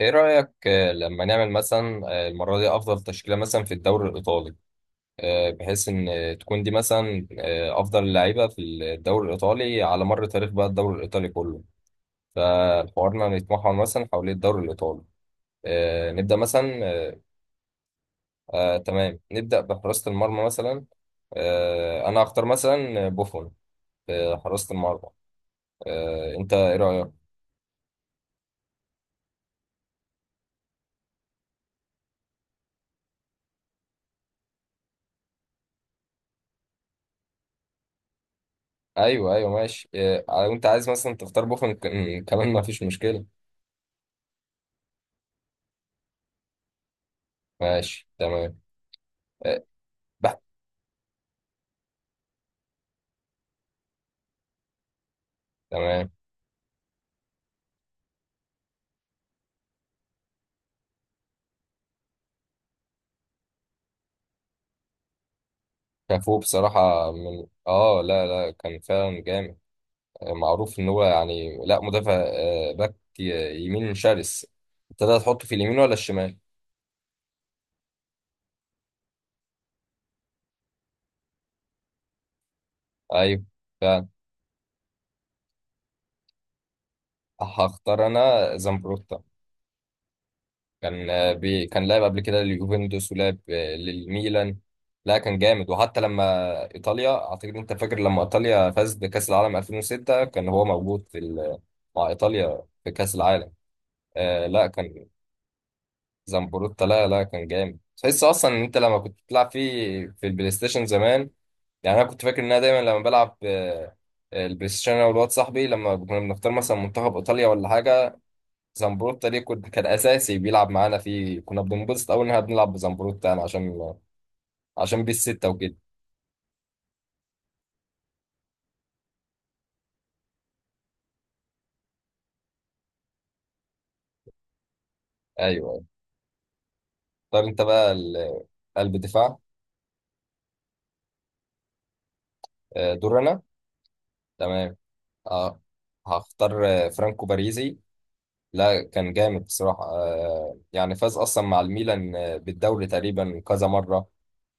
ايه رأيك، لما نعمل مثلا، المرة دي افضل تشكيلة مثلا في الدوري الايطالي، بحيث ان تكون دي مثلا افضل لعيبة في الدوري الايطالي على مر تاريخ بقى الدوري الايطالي كله. فحوارنا نتمحور مثلا حوالين الدوري الايطالي. نبدأ مثلا تمام، نبدأ بحراسة المرمى مثلا. انا هختار مثلا بوفون في حراسة المرمى. انت ايه رأيك؟ ايوه، ايوه، ماشي، وانت عايز مثلا تختار بوفون كمان ما فيش مشكلة. ماشي، تمام. أه، بح- تمام. كافو بصراحة، من لا، لا، كان فعلا جامد. معروف ان هو يعني لا مدافع، باك يمين شرس. ابتدى تحطه في اليمين ولا الشمال؟ ايوه، فعلا. هختار انا زامبروتا. كان آه، بي كان لعب قبل كده لليوفنتوس، ولعب للميلان. لا، كان جامد. وحتى لما ايطاليا، اعتقد انت فاكر لما ايطاليا فازت بكأس العالم 2006، كان هو موجود في مع ايطاليا في كأس العالم. لا، كان زنبروتا. لا، لا، كان جامد. تحس اصلا ان انت لما كنت بتلعب فيه في البلاي ستيشن زمان، يعني انا كنت فاكر ان انا دايما لما بلعب البلاي ستيشن انا والواد صاحبي، لما كنا بنختار مثلا منتخب ايطاليا ولا حاجه، زنبروتا ليه كنت كان اساسي بيلعب معانا فيه، كنا بننبسط قوي ان احنا بنلعب بزنبروتا يعني عشان بيه السته وكده. ايوه. اختار انت بقى قلب دفاع. دور انا. تمام. اه هختار فرانكو باريزي. لا، كان جامد بصراحة. يعني فاز أصلا مع الميلان بالدوري تقريبا كذا مرة.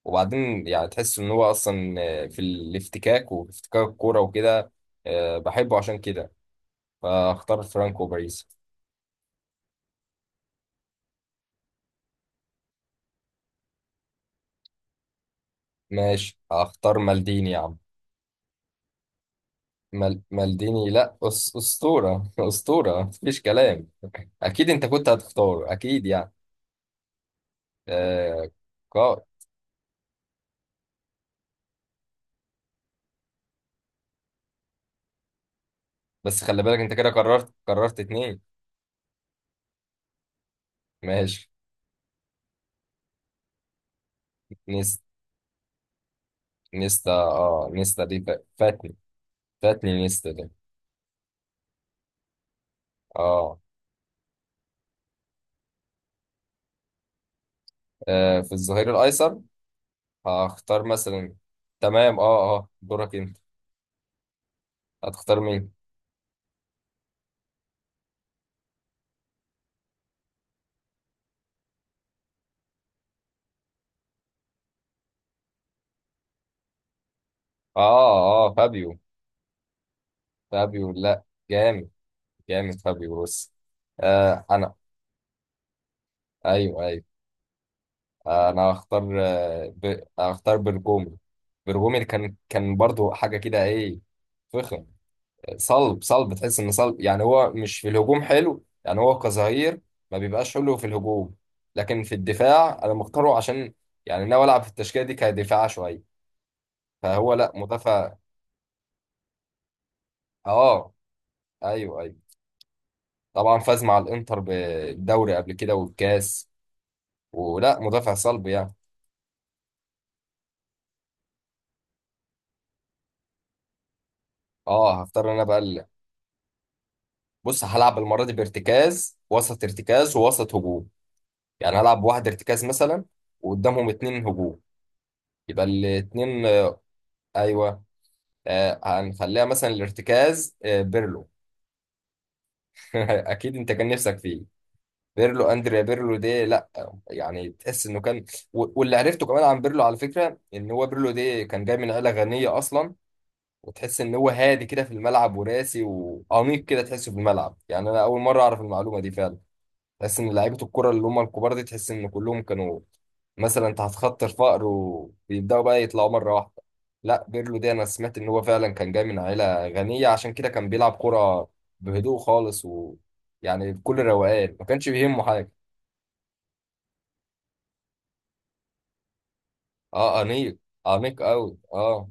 وبعدين يعني تحس إن هو أصلا في الافتكاك وافتكاك الكورة وكده. بحبه عشان كده. فاختار فرانكو باريس. ماشي، هختار مالديني يا عم. مالديني، لا. أسطورة أسطورة، مفيش كلام. أكيد أنت كنت هتختار أكيد يعني. آه، قائد. بس خلي بالك، أنت كده قررت اتنين. ماشي. اتنين. نيستا، نيستا دي فاتني. فاتني نيستا دي. اه في الظهير الايسر هختار مثلا. تمام. اه دورك انت. هتختار مين؟ اه اه فابيو، فابيو لا، جامد جامد، فابيو بص. آه انا ايوه، ايوه. انا هختار هختار برجومي. برجومي كان برضو حاجه كده ايه. فخم. صلب صلب، تحس ان صلب يعني، هو مش في الهجوم حلو، يعني هو كظهير ما بيبقاش حلو في الهجوم. لكن في الدفاع انا مختاره، عشان يعني ناوي العب في التشكيله دي كدفاع شويه، فهو لا مدافع. اه ايوه، ايوه، طبعا. فاز مع الانتر بالدوري قبل كده والكاس. ولا مدافع صلب يعني. اه هختار انا بقى بص، هلعب المره دي بارتكاز وسط، ارتكاز ووسط هجوم. يعني هلعب واحد ارتكاز مثلا، وقدامهم اتنين هجوم. يبقى الاتنين ايوه. هنخليها مثلا الارتكاز بيرلو. اكيد انت كان نفسك فيه. بيرلو، اندريا بيرلو ده لا، يعني تحس انه كان. واللي عرفته كمان عن بيرلو على فكره، ان هو بيرلو ده كان جاي من عيله غنيه اصلا. وتحس ان هو هادي كده في الملعب وراسي وانيق كده، تحسه في الملعب. يعني انا اول مره اعرف المعلومه دي فعلا. تحس ان لعيبه الكره اللي هم الكبار دي، تحس ان كلهم كانوا مثلا تحت خط الفقر وبيبداوا بقى يطلعوا مره واحده. لا، بيرلو ده انا سمعت ان هو فعلا كان جاي من عيله غنيه، عشان كده كان بيلعب كره بهدوء خالص ويعني بكل روقان، ما كانش بيهمه حاجه. اه انيق، انيق قوي. اه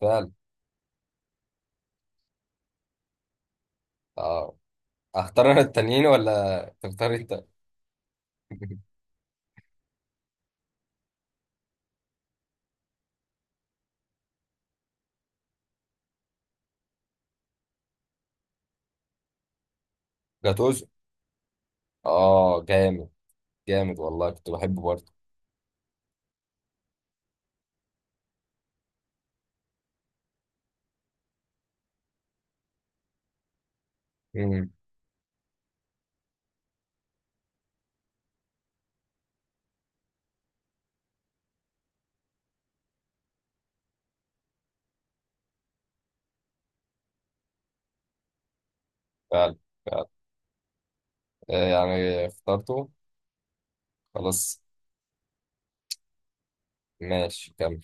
فعلا. اه اختار انا التانيين ولا تختار انت؟ جاتوزو. اه جامد، جامد، والله كنت بحبه برضه. امم فعلا، فعلا. يعني اخترته. خلاص، ماشي، كمل.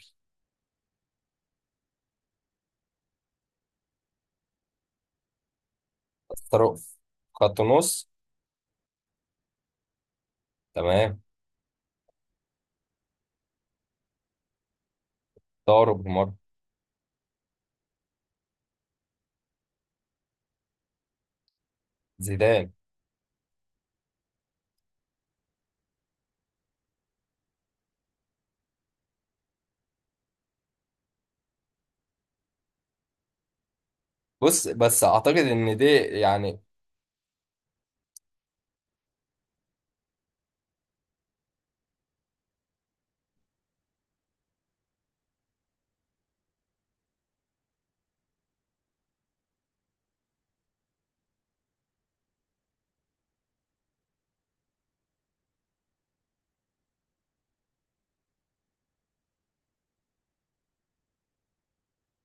الطرف، خط نص. تمام. طارق بمر. زيدان. بص، بس اعتقد ان دي يعني.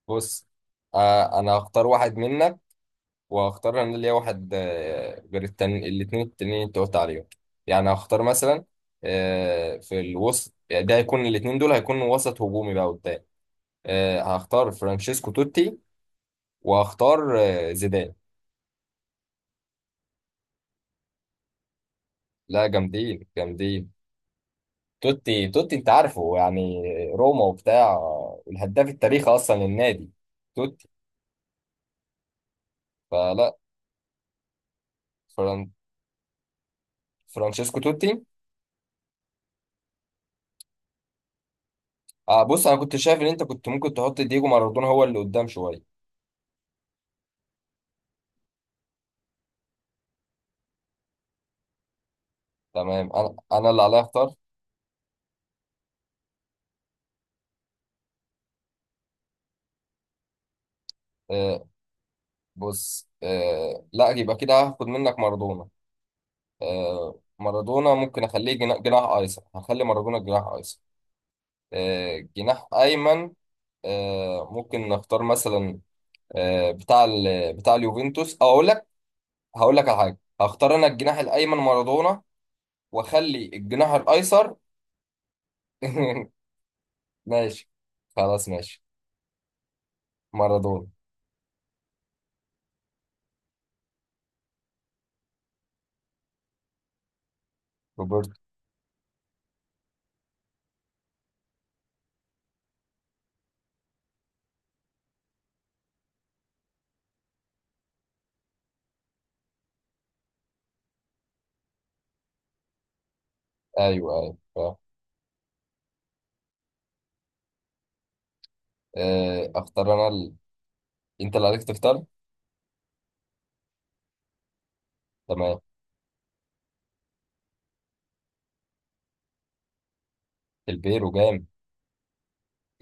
بص، انا هختار واحد منك، وهختار انا ليا واحد غير التاني. الاتنين التانيين انت قلت عليهم. يعني هختار مثلا في الوسط. يعني ده هيكون الاتنين دول، هيكونوا وسط هجومي بقى قدام. هختار فرانشيسكو توتي، وهختار زيدان. لا، جامدين، جامدين. توتي، توتي انت عارفه يعني، روما وبتاع، والهداف التاريخي اصلا للنادي. توتي. فلا فران... فرانشيسكو توتي. بص، انا كنت شايف ان انت كنت ممكن تحط دييجو مارادونا، هو اللي قدام شويه. تمام. انا اللي عليا اختار. آه بص، لا يبقى كده هاخد منك مارادونا. مارادونا ممكن اخليه جناح ايسر. هخلي مارادونا جناح ايسر. جناح ايمن. ممكن نختار مثلا بتاع اليوفنتوس، او اقول لك، هقول لك على حاجه. هختار انا الجناح الايمن مارادونا، واخلي الجناح الايسر. ماشي، خلاص ماشي. مارادونا. روبرت ايوه، ايوه. اختار انا انت اللي عليك تختار. تمام. البيرو جامد،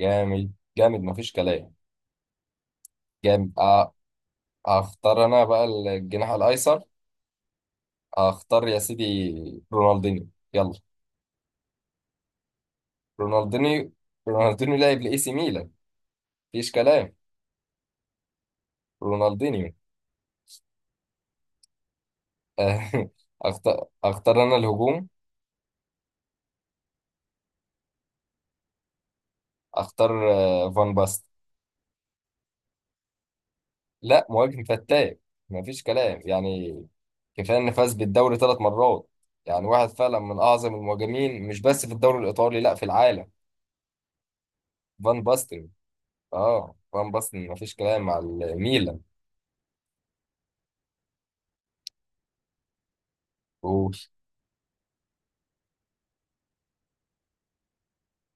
جامد جامد، مفيش كلام. جامد. اختار انا بقى الجناح الايسر. اختار يا سيدي رونالدينيو، يلا. رونالدينيو، رونالدينيو لاعب لاي سي ميلان، مفيش كلام. رونالدينيو. اختار اختار انا الهجوم. اختار فان باست. لا، مهاجم فتاك، مفيش كلام يعني. كفايه ان فاز بالدوري ثلاث مرات. يعني واحد فعلا من اعظم المهاجمين، مش بس في الدوري الايطالي، لا، في العالم. فان باستن. اه فان باستن، مفيش كلام، مع الميلان. وش-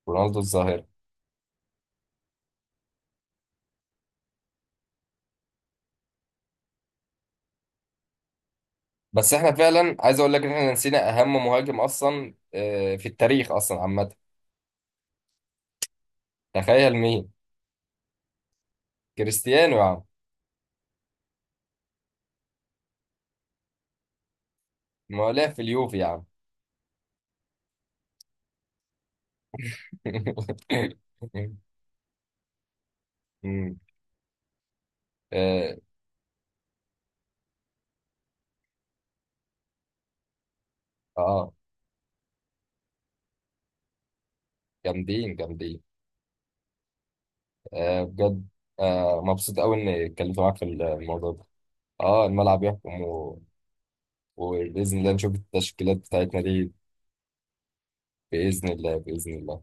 رونالدو الظاهره. بس احنا فعلا عايز اقول لك ان احنا نسينا اهم مهاجم اصلا، في التاريخ اصلا عامه. تخيل مين. كريستيانو يا عم. ما هو لعب في اليوفي يا عم. مم. اه آه. جامدين، جامدين. بجد. مبسوط قوي اني اتكلمت معاك في الموضوع ده. اه الملعب يحكم وباذن الله نشوف التشكيلات بتاعتنا دي. باذن الله، باذن الله.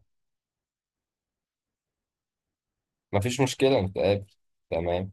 مفيش مشكله، نتقابل. تمام.